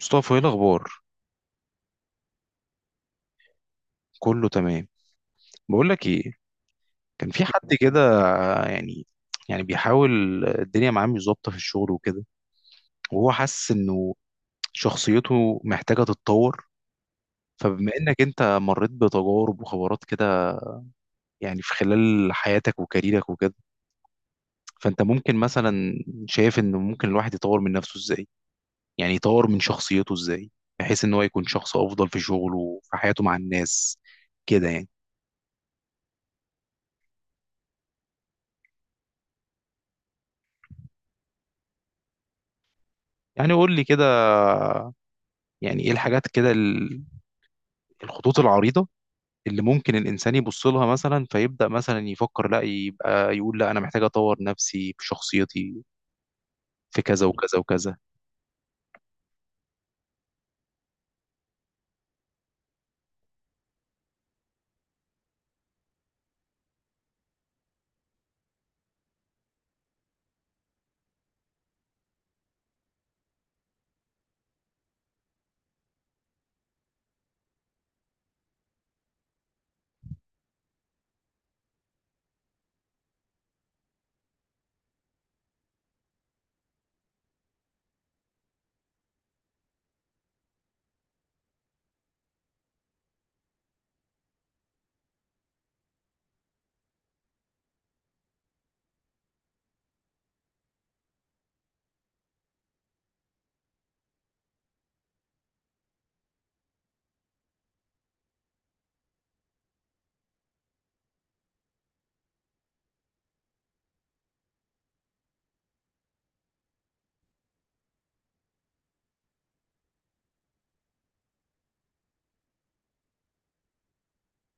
مصطفى، ايه الاخبار؟ كله تمام. بقول لك ايه، كان في حد كده، يعني يعني بيحاول. الدنيا معاه مش ظابطه في الشغل وكده، وهو حاسس انه شخصيته محتاجه تتطور. فبما انك انت مريت بتجارب وخبرات كده، يعني في خلال حياتك وكاريرك وكده، فانت ممكن مثلا شايف انه ممكن الواحد يطور من نفسه ازاي؟ يعني يطور من شخصيته ازاي؟ بحيث ان هو يكون شخص افضل في شغله وفي حياته مع الناس كده يعني. يعني قول لي كده، يعني ايه الحاجات كده، الخطوط العريضة اللي ممكن الإنسان يبص لها مثلا فيبدأ مثلا يفكر، لا يبقى يقول لا أنا محتاج أطور نفسي في شخصيتي، في كذا وكذا وكذا.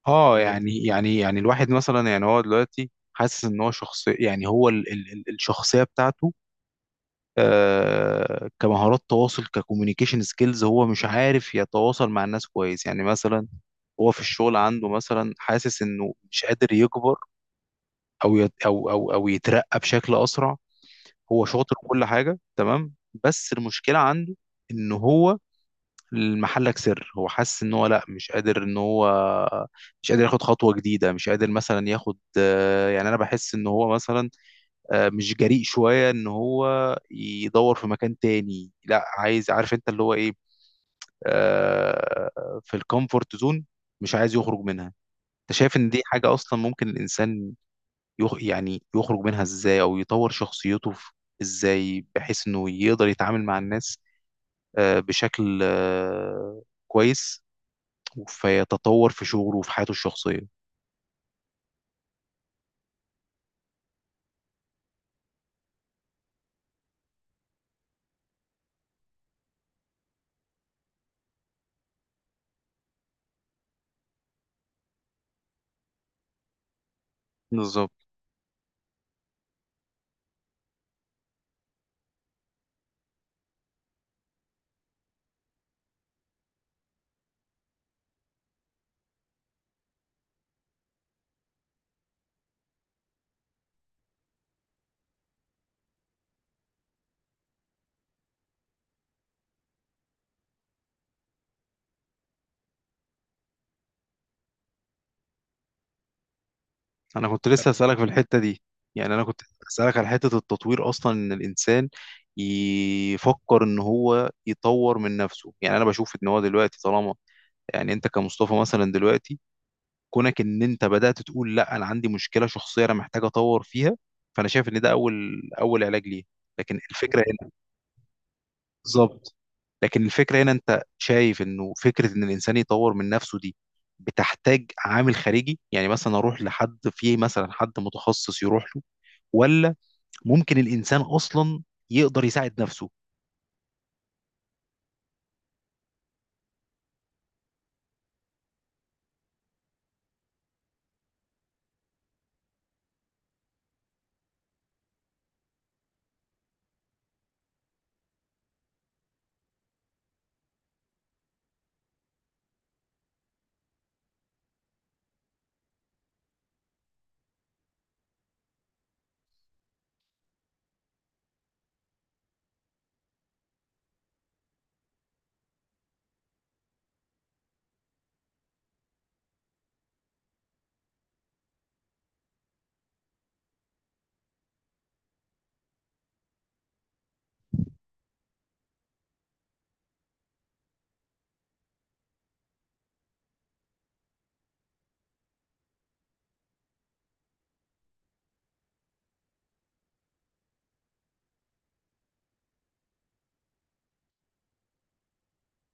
اه، يعني الواحد مثلا، يعني هو دلوقتي حاسس إن هو شخص، يعني هو الشخصية بتاعته. كمهارات تواصل، ككوميونيكيشن سكيلز، هو مش عارف يتواصل مع الناس كويس يعني. مثلا هو في الشغل عنده مثلا حاسس إنه مش قادر يكبر، أو يت أو أو أو يترقى بشكل أسرع. هو شاطر وكل حاجه تمام، بس المشكله عنده ان هو المحلك سر. هو حاسس ان هو لا، مش قادر، ان هو مش قادر ياخد خطوه جديده، مش قادر مثلا ياخد، يعني انا بحس ان هو مثلا مش جريء شويه، ان هو يدور في مكان تاني. لا، عايز عارف انت اللي هو ايه، في الكومفورت زون مش عايز يخرج منها. انت شايف ان دي حاجه اصلا ممكن الانسان يعني يخرج منها ازاي، او يطور شخصيته ازاي، بحيث انه يقدر يتعامل مع الناس بشكل كويس، فيتطور في شغله وفي حياته الشخصية؟ بالظبط. انا كنت لسه هسألك في الحتة دي. يعني انا كنت هسألك على حتة التطوير اصلا، ان الانسان يفكر ان هو يطور من نفسه. يعني انا بشوف ان هو دلوقتي طالما، يعني انت كمصطفى مثلا دلوقتي، كونك ان انت بدأت تقول لا انا عندي مشكلة شخصية انا محتاج اطور فيها، فانا شايف ان ده اول علاج ليه. لكن الفكرة هنا، بالظبط، لكن الفكرة هنا، انت شايف انه فكرة ان الانسان يطور من نفسه دي بتحتاج عامل خارجي؟ يعني مثلا اروح لحد فيه، مثلا حد متخصص يروح له، ولا ممكن الانسان اصلا يقدر يساعد نفسه؟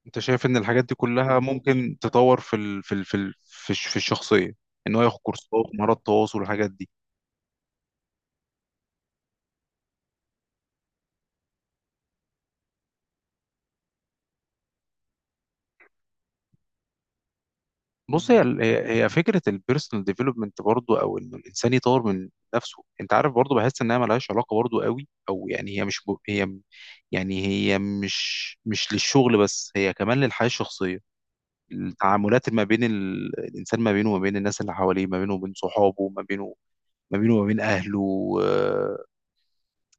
انت شايف ان الحاجات دي كلها ممكن تطور في ال في ال في ال في الش- في الشخصية، ان هو ياخد كورسات مهارات تواصل والحاجات دي؟ بص، هي فكره البيرسونال ديفلوبمنت برضو، او انه الانسان يطور من نفسه. انت عارف، برضو بحس انها ملهاش علاقه برضو قوي، او يعني هي مش هي، يعني هي مش للشغل بس، هي كمان للحياه الشخصيه. التعاملات ما بين الانسان، ما بينه وما بين الناس اللي حواليه، ما بينه وبين صحابه، ما بينه وما بين اهله،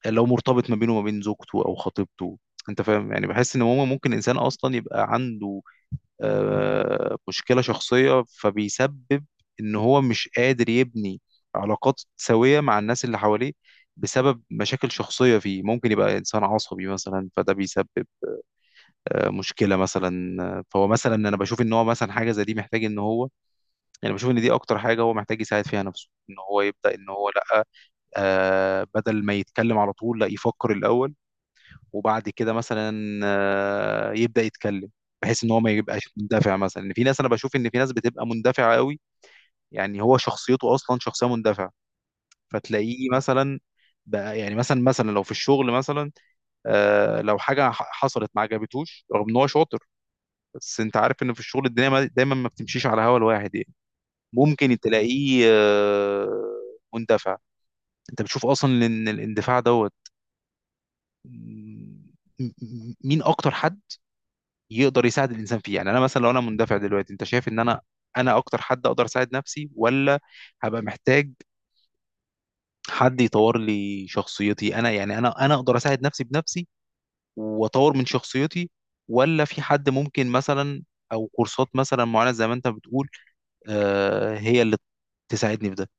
لو مرتبط، ما بينه وما بين زوجته او خطيبته. انت فاهم؟ يعني بحس ان هو ممكن انسان اصلا يبقى عنده مشكلة شخصية، فبيسبب إن هو مش قادر يبني علاقات سوية مع الناس اللي حواليه بسبب مشاكل شخصية فيه. ممكن يبقى إنسان عصبي مثلا، فده بيسبب مشكلة مثلا. فهو مثلا، أنا بشوف إن هو مثلا حاجة زي دي محتاج إن هو، يعني بشوف إن دي أكتر حاجة هو محتاج يساعد فيها نفسه، إن هو يبدأ إن هو لأ، بدل ما يتكلم على طول، لأ، يفكر الأول وبعد كده مثلا يبدأ يتكلم، بحيث ان هو ما يبقاش مندفع. مثلا ان في ناس انا بشوف ان في ناس بتبقى مندفعة قوي. يعني هو شخصيته اصلا شخصية مندفعة، فتلاقيه مثلا، بقى يعني مثلا لو في الشغل مثلا، لو حاجة حصلت ما عجبتوش رغم ان هو شاطر. بس انت عارف ان في الشغل الدنيا دايما ما بتمشيش على هوا الواحد يعني. ممكن تلاقيه مندفع. انت بتشوف اصلا ان الاندفاع دوت، م- مين اكتر حد يقدر يساعد الانسان فيه؟ يعني انا مثلا لو انا مندفع دلوقتي، انت شايف ان انا اكتر حد اقدر اساعد نفسي، ولا هبقى محتاج حد يطور لي شخصيتي؟ انا يعني انا اقدر اساعد نفسي بنفسي واطور من شخصيتي، ولا في حد ممكن مثلا، او كورسات مثلا معينة زي ما انت بتقول، هي اللي تساعدني في ده؟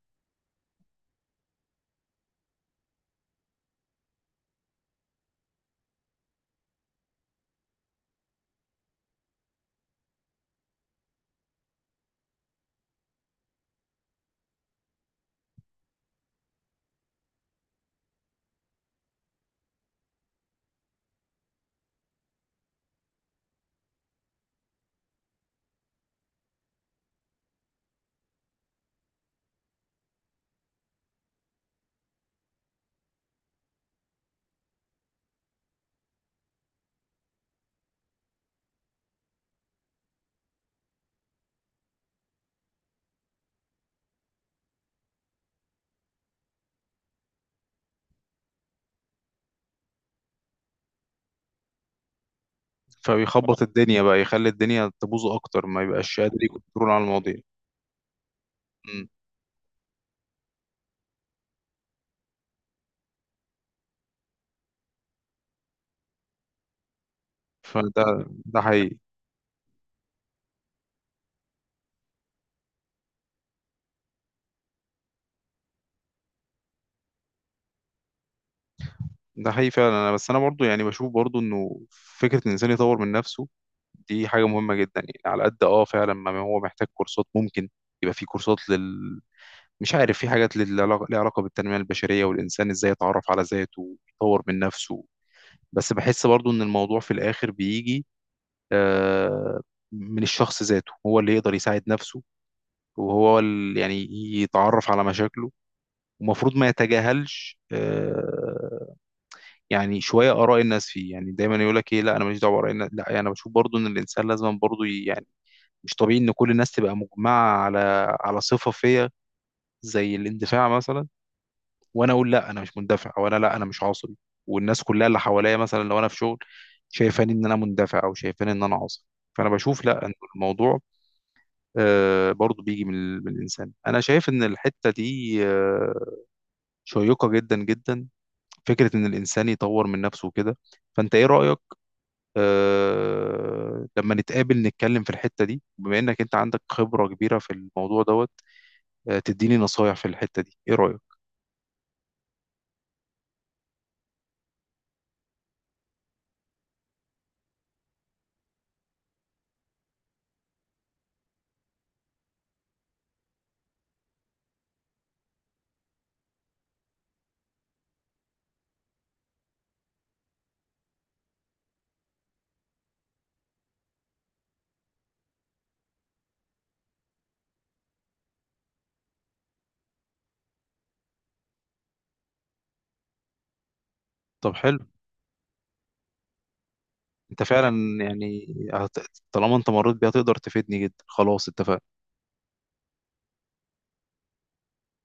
فبيخبط الدنيا بقى، يخلي الدنيا تبوظ اكتر، ما يبقاش قادر يكنترول على المواضيع. مم. فده، ده حقيقي ده حقيقي فعلا. انا بس، انا برضو يعني بشوف برضو انه فكره ان الانسان يطور من نفسه دي حاجه مهمه جدا. يعني على قد فعلا ما هو محتاج كورسات، ممكن يبقى في كورسات مش عارف، في حاجات لها علاقه بالتنميه البشريه، والانسان ازاي يتعرف على ذاته ويطور من نفسه. بس بحس برضو ان الموضوع في الاخر بيجي آه، من الشخص ذاته، هو اللي يقدر يساعد نفسه، وهو يعني يتعرف على مشاكله. ومفروض ما يتجاهلش يعني شويه اراء الناس فيه، يعني دايما يقول لك ايه، لا انا ماليش دعوه باراء الناس. لا، يعني انا بشوف برضو ان الانسان لازم برضو يعني، مش طبيعي ان كل الناس تبقى مجمعه على صفه فيا زي الاندفاع مثلا، وانا اقول لا انا مش مندفع، وانا لا، انا مش عصبي، والناس كلها اللي حواليا، مثلا لو انا في شغل، شايفاني ان انا مندفع او شايفاني ان انا عصبي. فانا بشوف لا، ان الموضوع برضو بيجي من من الانسان. انا شايف ان الحته دي شيقه جدا جدا، فكره ان الانسان يطور من نفسه كده. فانت ايه رايك لما نتقابل نتكلم في الحتة دي، بما انك انت عندك خبرة كبيرة في الموضوع دوت، تديني نصايح في الحتة دي؟ ايه رأيك؟ طب حلو. انت فعلا يعني هت- طالما انت مريت بيها تقدر تفيدني جدا، خلاص اتفقنا.